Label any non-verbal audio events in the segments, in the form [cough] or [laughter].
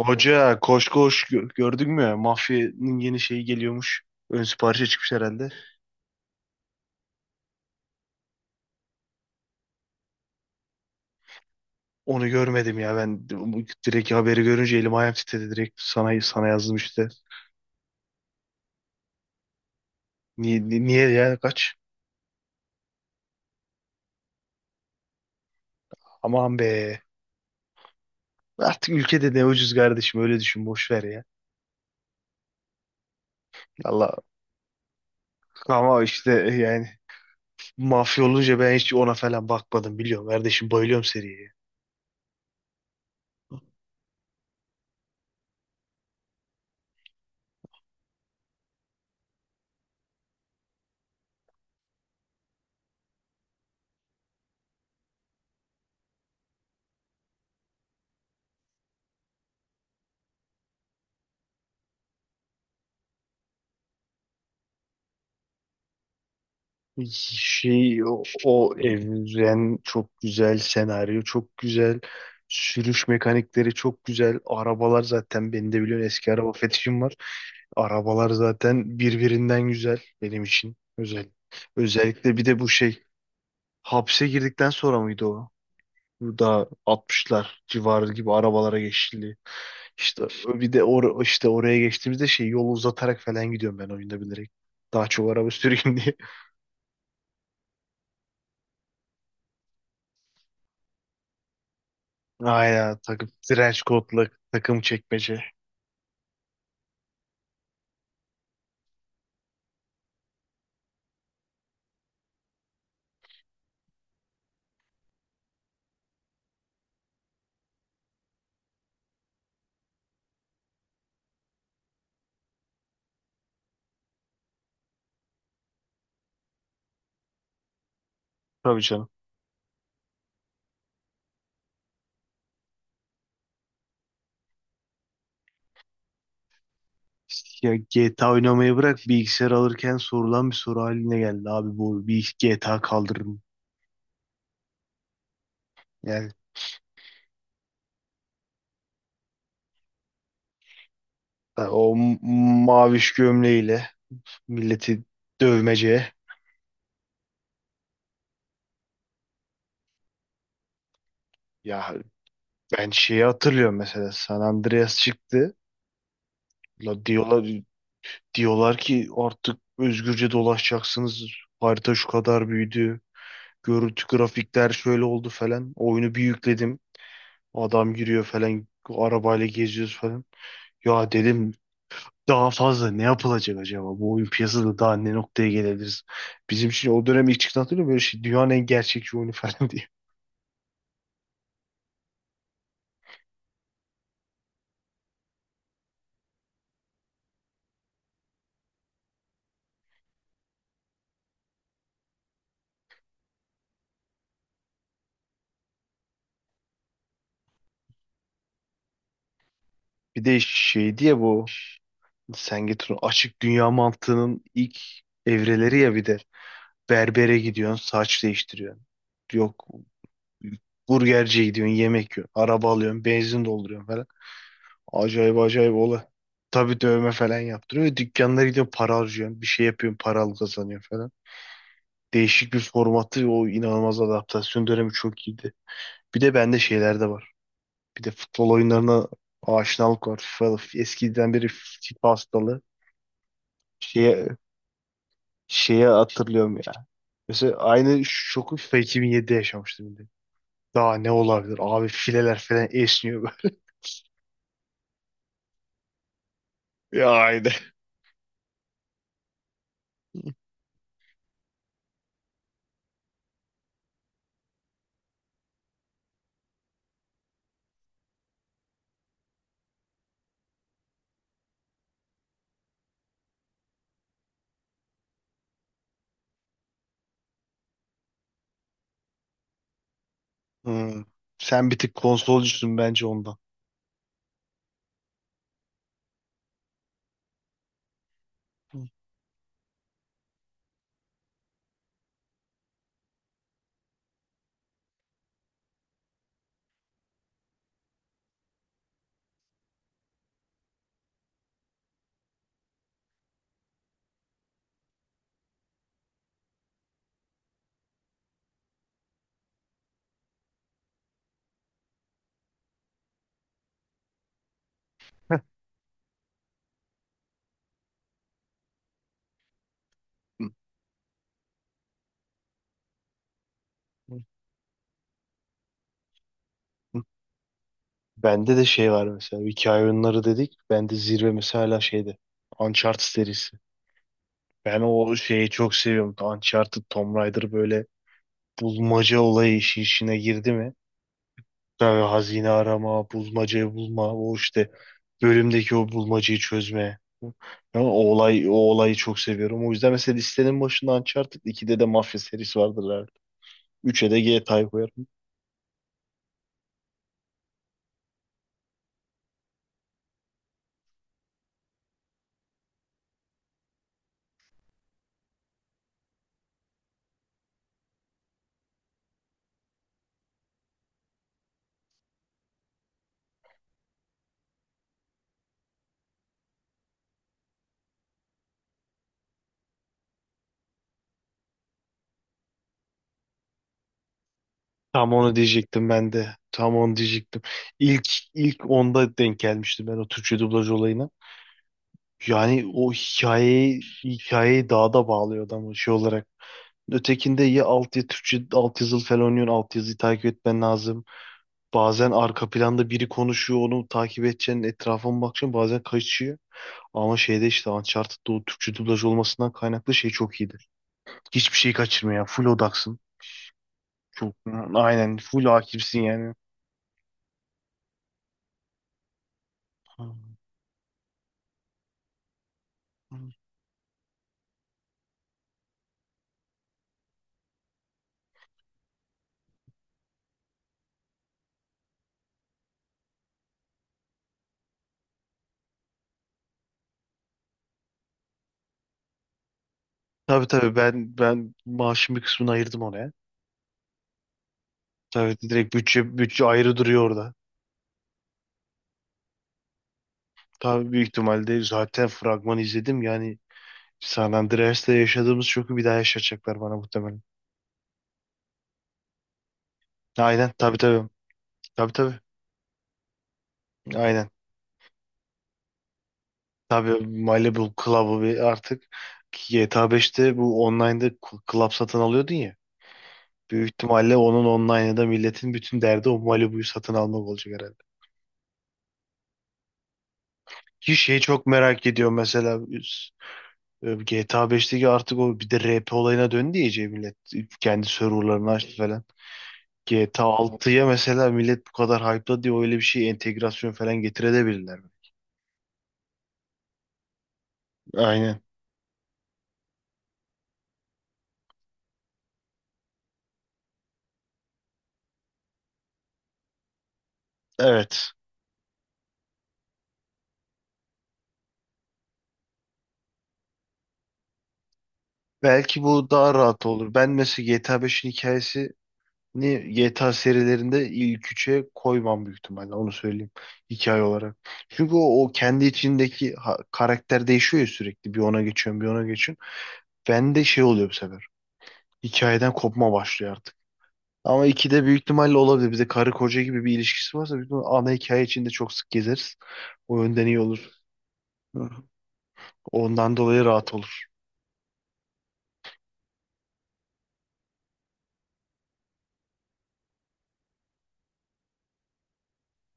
Hoca, koş koş gördün mü? Mafyanın yeni şeyi geliyormuş. Ön siparişe çıkmış herhalde. Onu görmedim ya ben. Direkt haberi görünce elim ayağım titredi, direkt sana yazdım işte. Niye ya, kaç? Aman be. Artık ülkede ne ucuz kardeşim, öyle düşün, boş ver ya. Allah, ama işte yani, mafya olunca ben hiç ona falan bakmadım, biliyorum kardeşim, bayılıyorum seriye. Şey, o, o evren çok güzel, senaryo çok güzel, sürüş mekanikleri çok güzel, arabalar zaten, beni de biliyorsun, eski araba fetişim var. Arabalar zaten birbirinden güzel, benim için özel. Özellikle bir de bu şey, hapse girdikten sonra mıydı o? Burada altmışlar civarı gibi arabalara geçildi. İşte bir de or işte oraya geçtiğimizde şey, yolu uzatarak falan gidiyorum ben oyunda bilerek. Daha çok araba süreyim diye. [laughs] Aynen, takım trench coat'la, takım çekmece. Tabii canım. Ya GTA oynamayı bırak, bilgisayar alırken sorulan bir soru haline geldi abi, bu bir GTA kaldırırım. Yani ha, maviş gömleğiyle milleti dövmece. Ya ben şeyi hatırlıyorum, mesela San Andreas çıktı. La, diyorlar. Diyorlar ki artık özgürce dolaşacaksınız. Harita şu kadar büyüdü. Görüntü, grafikler şöyle oldu falan. Oyunu bir yükledim. Adam giriyor falan. Arabayla geziyoruz falan. Ya dedim, daha fazla ne yapılacak acaba? Bu oyun piyasada daha ne noktaya gelebiliriz? Bizim için o dönem ilk çıktı, hatırlıyor musun? Böyle şey, dünyanın en gerçekçi oyunu [laughs] falan diye. Bir de şey diye, bu sen, açık dünya mantığının ilk evreleri ya, bir de berbere gidiyorsun, saç değiştiriyorsun. Yok, burgerciye gidiyorsun, yemek yiyorsun, araba alıyorsun, benzin dolduruyorsun falan. Acayip acayip olay. Tabii dövme falan yaptırıyor. Dükkanlara gidiyorsun, para harcıyorsun, bir şey yapıyorsun, para kazanıyorsun falan. Değişik bir formatı, o inanılmaz adaptasyon dönemi çok iyiydi. Bir de bende şeyler de var. Bir de futbol oyunlarına aşinalık var. Eskiden beri FIFA hastalığı. Şeye, hatırlıyorum ya. Mesela aynı şoku FIFA 2007'de yaşamıştım, bir de. Daha ne olabilir? Abi, fileler falan esniyor böyle. [laughs] Ya. Hmm. Sen bir tık konsolcusun bence, ondan. Hı. Hı. Hı. Hı. Bende de şey var, mesela hikaye oyunları dedik. Bende zirve mesela şeydi. Uncharted serisi. Ben o şeyi çok seviyorum. Uncharted, Tomb Raider, böyle bulmaca olayı işi işine girdi mi? Tabii, hazine arama, bulmacayı bulma, o işte bölümdeki o bulmacayı çözme. Ya o olay, o olayı çok seviyorum. O yüzden mesela listenin başında Uncharted 2'de de Mafya serisi vardır herhalde. 3'e de GTA koyarım. Tam onu diyecektim ben de. Tam onu diyecektim. İlk ilk onda denk gelmiştim ben o Türkçe dublaj olayına. Yani o hikayeyi daha da bağlıyor adamı şey olarak. Ötekinde ya alt, ya Türkçe alt yazılı falan oynuyorsun. Alt yazıyı takip etmen lazım. Bazen arka planda biri konuşuyor, onu takip edeceksin. Etrafına bakacaksın, bazen kaçıyor. Ama şeyde işte, Uncharted'da o Türkçe dublaj olmasından kaynaklı şey çok iyiydi. Hiçbir şeyi kaçırmıyor ya. Full odaksın. Çok, aynen full hakimsin yani. Tabii tabii, ben maaşın bir kısmını ayırdım oraya. Tabii direkt, bütçe bütçe ayrı duruyor orada. Tabii, büyük ihtimalle zaten fragmanı izledim. Yani San Andreas'ta yaşadığımız şoku bir daha yaşatacaklar bana muhtemelen. Aynen tabii tabii. Tabii tabii. Aynen. Tabii Malibu Club'ı bir artık, GTA 5'te bu online'da club satın alıyordun ya. Büyük ihtimalle onun online'da milletin bütün derdi o Malibu'yu satın almak olacak herhalde. Ki şeyi çok merak ediyorum mesela. GTA 5'teki artık o bir de RP olayına döndü ya, iyice millet. Kendi serverlarını açtı falan. GTA 6'ya mesela, millet bu kadar hype'la diye, öyle bir şey entegrasyon falan getirebilirler mi? Aynen. Evet. Belki bu daha rahat olur. Ben mesela GTA 5'in hikayesini GTA serilerinde ilk üçe koymam, büyük ihtimalle. Onu söyleyeyim. Hikaye olarak. Çünkü o, o kendi içindeki karakter değişiyor ya sürekli. Bir ona geçiyorum, bir ona geçiyorum. Ben de şey oluyor bu sefer. Hikayeden kopma başlıyor artık. Ama ikide büyük ihtimalle olabilir. Bir de karı koca gibi bir ilişkisi varsa, büyük ihtimalle ana hikaye içinde çok sık gezeriz. O yönden iyi olur. Hı. Ondan dolayı rahat olur.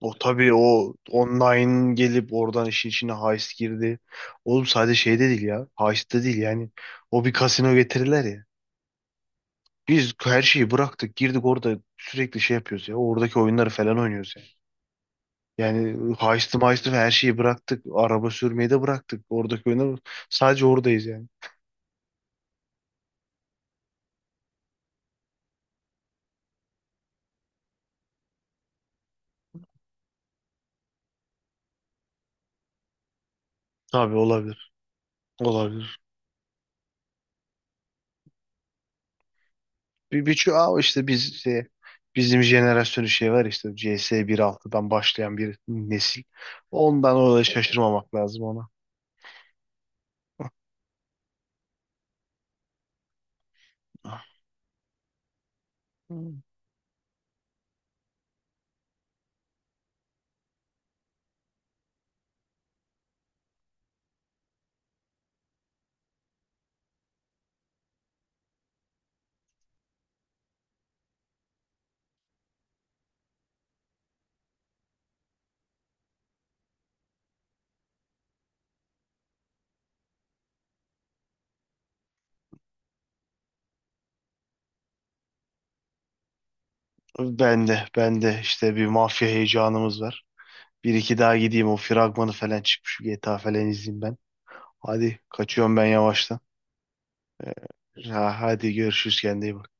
O tabii, o online gelip oradan işin içine heist girdi. Oğlum, sadece şeyde değil ya. Heist'te değil yani. O bir kasino getirirler ya. Biz her şeyi bıraktık, girdik orada, sürekli şey yapıyoruz ya. Oradaki oyunları falan oynuyoruz ya. Yani heist'i meist'i her şeyi bıraktık. Araba sürmeyi de bıraktık. Oradaki oyunları, sadece oradayız yani. Tabii olabilir. Olabilir. Bir şu, işte biz şey, bizim jenerasyonu şey var işte, CS 1.6'dan başlayan bir nesil. Ondan orada şaşırmamak lazım ona. [laughs] Hmm. Ben de işte, bir mafya heyecanımız var. Bir iki daha gideyim, o fragmanı falan çıkmış. GTA falan izleyeyim ben. Hadi kaçıyorum ben yavaştan. Ha, hadi görüşürüz, kendine iyi bak.